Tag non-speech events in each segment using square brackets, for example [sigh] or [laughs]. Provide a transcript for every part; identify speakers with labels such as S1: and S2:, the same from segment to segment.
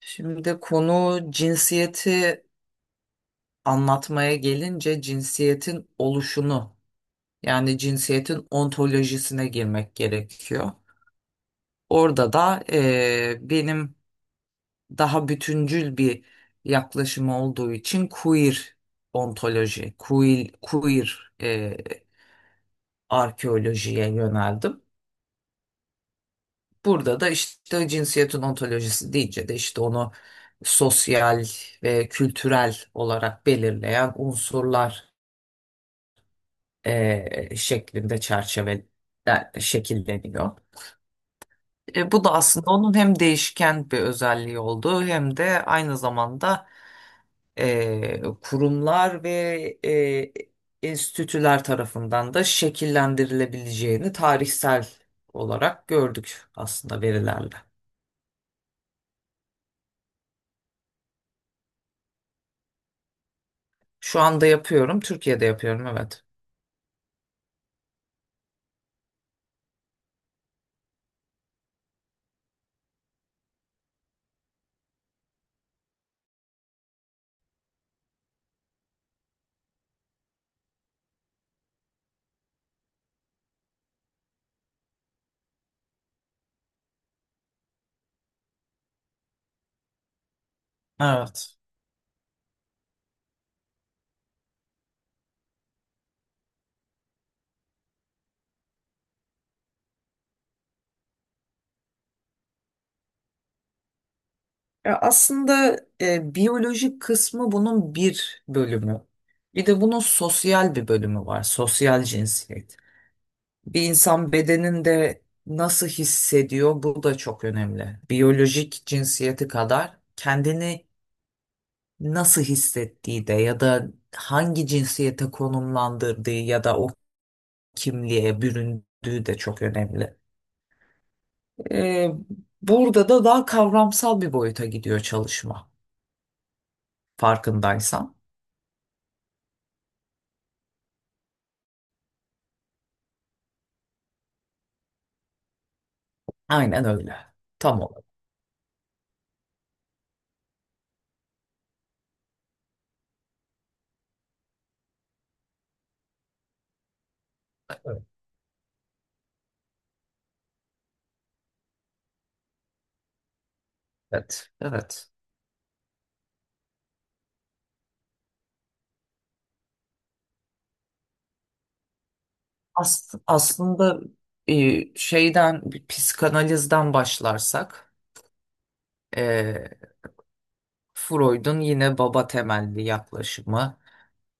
S1: Şimdi konu cinsiyeti anlatmaya gelince cinsiyetin oluşunu yani cinsiyetin ontolojisine girmek gerekiyor. Orada da benim daha bütüncül bir yaklaşım olduğu için queer ontoloji, queer, queer arkeolojiye yöneldim. Burada da işte cinsiyetin ontolojisi deyince de işte onu sosyal ve kültürel olarak belirleyen unsurlar şeklinde çerçeve şekilleniyor. Bu da aslında onun hem değişken bir özelliği olduğu hem de aynı zamanda kurumlar ve enstitüler tarafından da şekillendirilebileceğini tarihsel olarak gördük aslında verilerle. Şu anda yapıyorum, Türkiye'de yapıyorum, evet. Evet. Ya aslında biyolojik kısmı bunun bir bölümü. Bir de bunun sosyal bir bölümü var. Sosyal cinsiyet. Bir insan bedeninde nasıl hissediyor, bu da çok önemli. Biyolojik cinsiyeti kadar kendini nasıl hissettiği de ya da hangi cinsiyete konumlandırdığı ya da o kimliğe büründüğü de çok önemli. E, Burada da daha kavramsal bir boyuta gidiyor çalışma, farkındaysan. Aynen öyle. Tam olarak. Evet. Evet. Aslında şeyden, bir psikanalizden başlarsak e, Freud'un yine baba temelli yaklaşımı.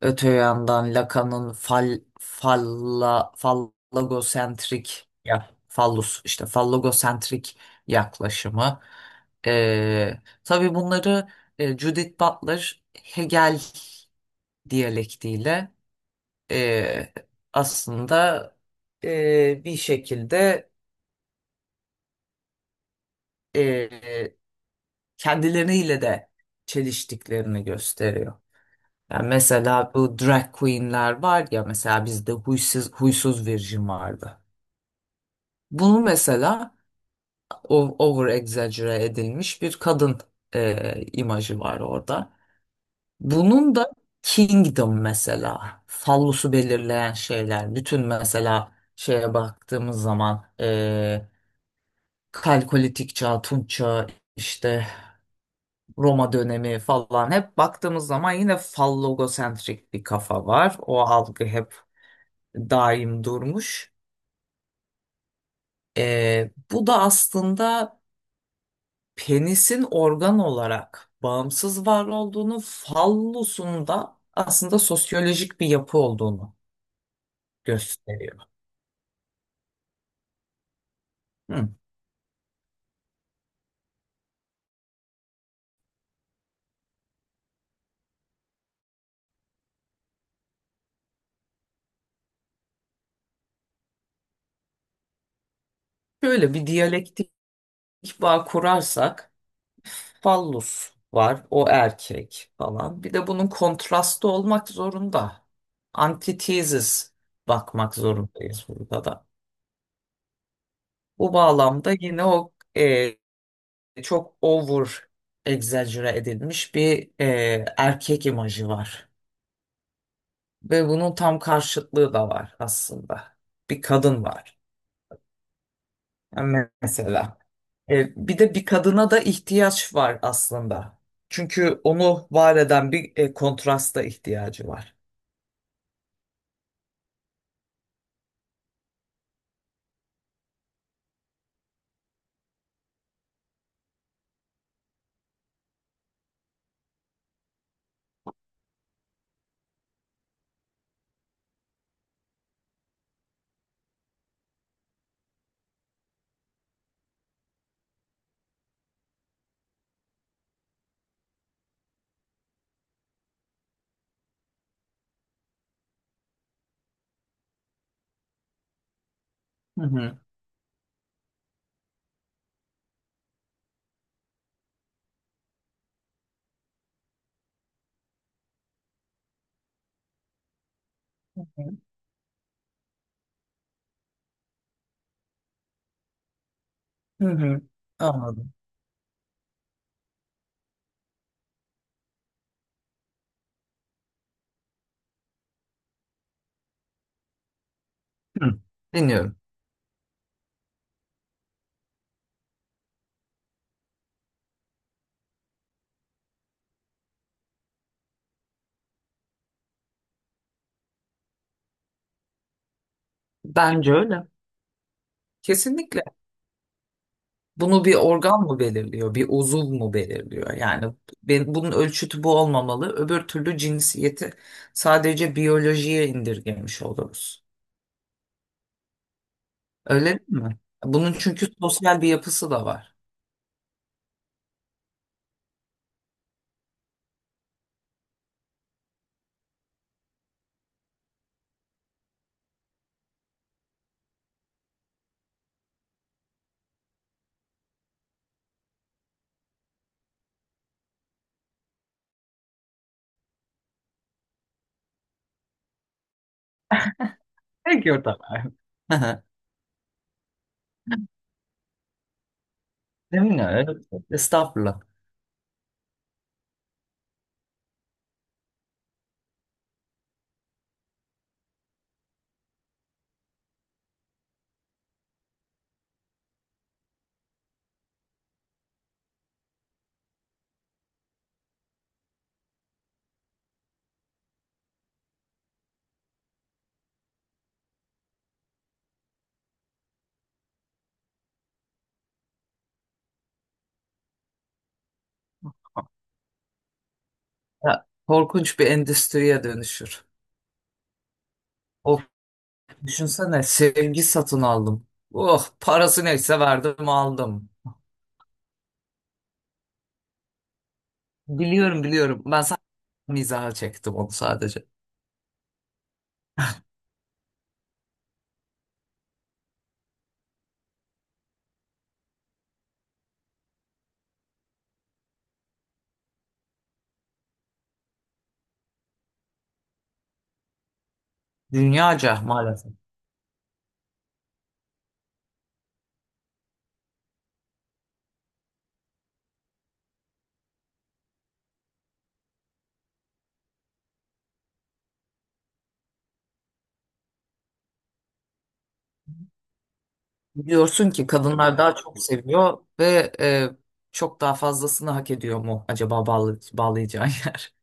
S1: Öte yandan Lacan'ın fallogosentrik, ya fallus, işte fallogosentrik yaklaşımı. Tabii bunları Judith Butler Hegel diyalektiyle e, aslında bir şekilde e, kendileriyle de çeliştiklerini gösteriyor. Yani mesela bu drag queenler var ya, mesela bizde huysuz virgin vardı. Bunu mesela over exaggerate edilmiş bir kadın imajı var orada. Bunun da kingdom mesela fallosu belirleyen şeyler bütün, mesela şeye baktığımız zaman Kalkolitik çağ, Tunç çağı, işte Roma dönemi falan, hep baktığımız zaman yine fallogosentrik bir kafa var. O algı hep daim durmuş. Bu da aslında penisin organ olarak bağımsız var olduğunu, fallusun da aslında sosyolojik bir yapı olduğunu gösteriyor. Hı. Böyle bir diyalektik bağ kurarsak, fallus var. O erkek falan. Bir de bunun kontrastı olmak zorunda. Antithesis bakmak zorundayız burada da. Bu bağlamda yine o çok over egzajere edilmiş bir erkek imajı var. Ve bunun tam karşıtlığı da var aslında. Bir kadın var. Yani mesela. Bir de bir kadına da ihtiyaç var aslında. Çünkü onu var eden bir kontrasta ihtiyacı var. Hı hı. Hı hı. Anladım. Hı. Dinliyorum. Bence öyle. Kesinlikle. Bunu bir organ mı belirliyor, bir uzuv mu belirliyor? Yani ben, bunun ölçütü bu olmamalı. Öbür türlü cinsiyeti sadece biyolojiye indirgemiş oluruz. Öyle değil mi? Bunun çünkü sosyal bir yapısı da var. Gerekiyor tabii. [laughs] Bilmiyorum. Estağfurullah. Ya, korkunç bir endüstriye dönüşür. Of, düşünsene, sevgi satın aldım. Oh, parası neyse verdim aldım. Biliyorum, biliyorum. Ben mizaha çektim onu sadece. Dünyaca maalesef. Diyorsun ki kadınlar daha çok seviyor ve çok daha fazlasını hak ediyor mu acaba, bağlayacağın yer?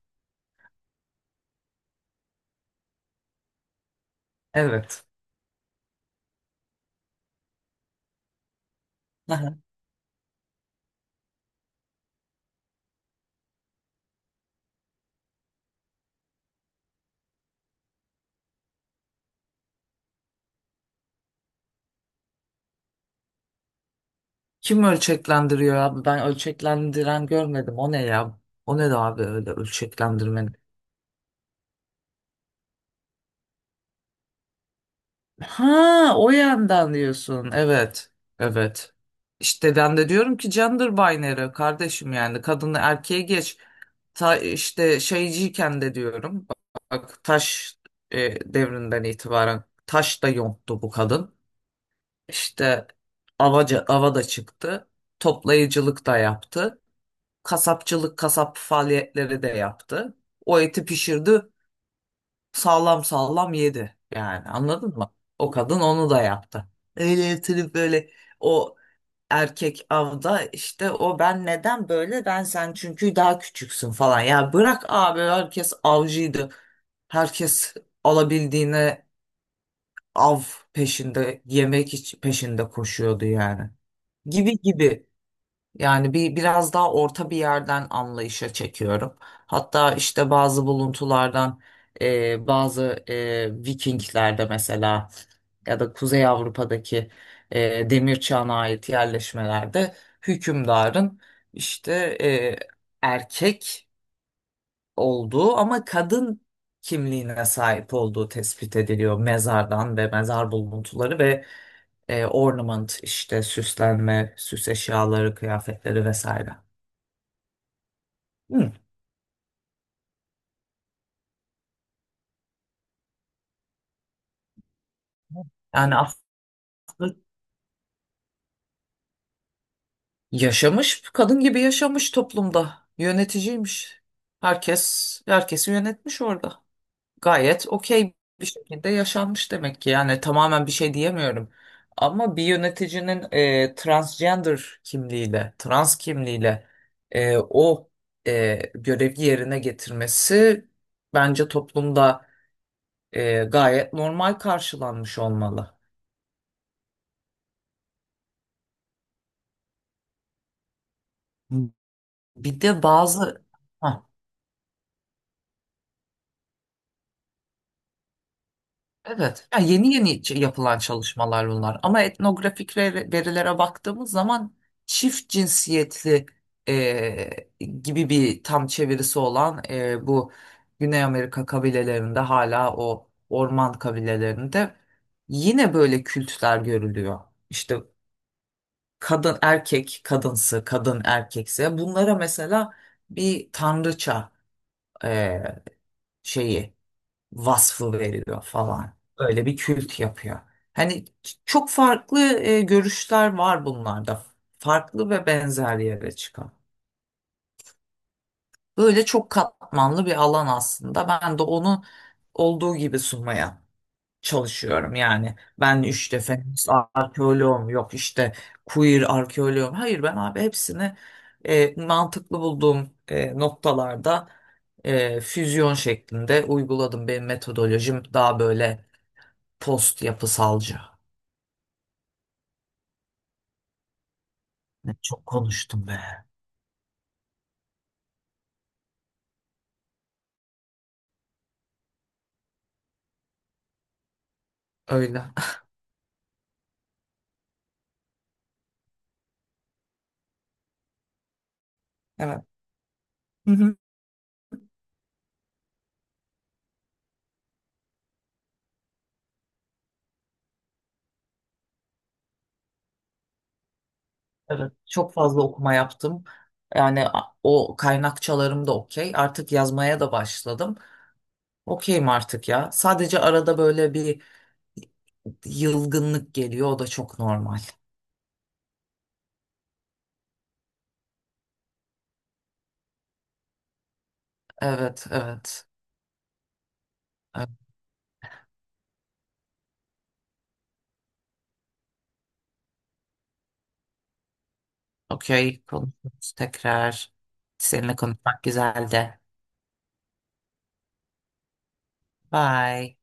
S1: [laughs] Evet. [laughs] Kim ölçeklendiriyor abi? Ben ölçeklendiren görmedim. O ne ya? O ne de abi öyle ölçeklendirmenin? Ha, o yandan diyorsun. Evet. Evet. İşte ben de diyorum ki gender binary kardeşim, yani kadını erkeğe geç. Ta, işte şeyciyken de diyorum. Bak, taş devrinden itibaren taş da yonttu bu kadın. İşte ava da çıktı. Toplayıcılık da yaptı. Kasapçılık, kasap faaliyetleri de yaptı. O eti pişirdi, sağlam sağlam yedi. Yani anladın mı? O kadın onu da yaptı. Öyle yatırıp böyle o erkek avda, işte o ben neden böyle, ben sen çünkü daha küçüksün falan. Ya bırak abi, herkes avcıydı. Herkes alabildiğine av peşinde, peşinde koşuyordu yani. Gibi gibi. Yani bir biraz daha orta bir yerden anlayışa çekiyorum. Hatta işte bazı buluntulardan bazı Vikinglerde mesela ya da Kuzey Avrupa'daki Demir Çağı'na ait yerleşmelerde hükümdarın işte e, erkek olduğu ama kadın kimliğine sahip olduğu tespit ediliyor mezardan ve mezar buluntuları ve ornament, işte süslenme, süs eşyaları, kıyafetleri vesaire. Hı. Yani aslında yaşamış, kadın gibi yaşamış toplumda. Yöneticiymiş. Herkes herkesi yönetmiş orada. Gayet okey bir şekilde yaşanmış demek ki. Yani tamamen bir şey diyemiyorum. Ama bir yöneticinin transgender kimliğiyle, trans kimliğiyle o görevi yerine getirmesi bence toplumda gayet normal karşılanmış olmalı. Bir de bazı... Hah, evet, ya yeni yeni yapılan çalışmalar bunlar. Ama etnografik verilere baktığımız zaman çift cinsiyetli gibi bir tam çevirisi olan bu Güney Amerika kabilelerinde hala o orman kabilelerinde yine böyle kültler görülüyor. İşte kadın erkek kadınsı, kadın erkekse, bunlara mesela bir tanrıça e, şeyi, vasfı veriliyor falan. Öyle bir kült yapıyor. Hani çok farklı görüşler var bunlarda. Farklı ve benzer yere çıkan. Böyle çok katmanlı bir alan aslında. Ben de onu olduğu gibi sunmaya çalışıyorum. Yani ben işte feminist arkeoloğum, yok işte queer arkeoloğum. Hayır ben abi hepsini mantıklı bulduğum noktalarda füzyon şeklinde uyguladım. Benim metodolojim daha böyle post yapısalcı. Ne çok konuştum be. Öyle. Evet. Hı hı. Evet. Çok fazla okuma yaptım. Yani o kaynakçalarım da okey. Artık yazmaya da başladım. Okeyim artık ya. Sadece arada böyle bir yılgınlık geliyor. O da çok normal. Evet, evet. Evet, okey. Konuşuruz tekrar. Seninle konuşmak güzeldi. Bye.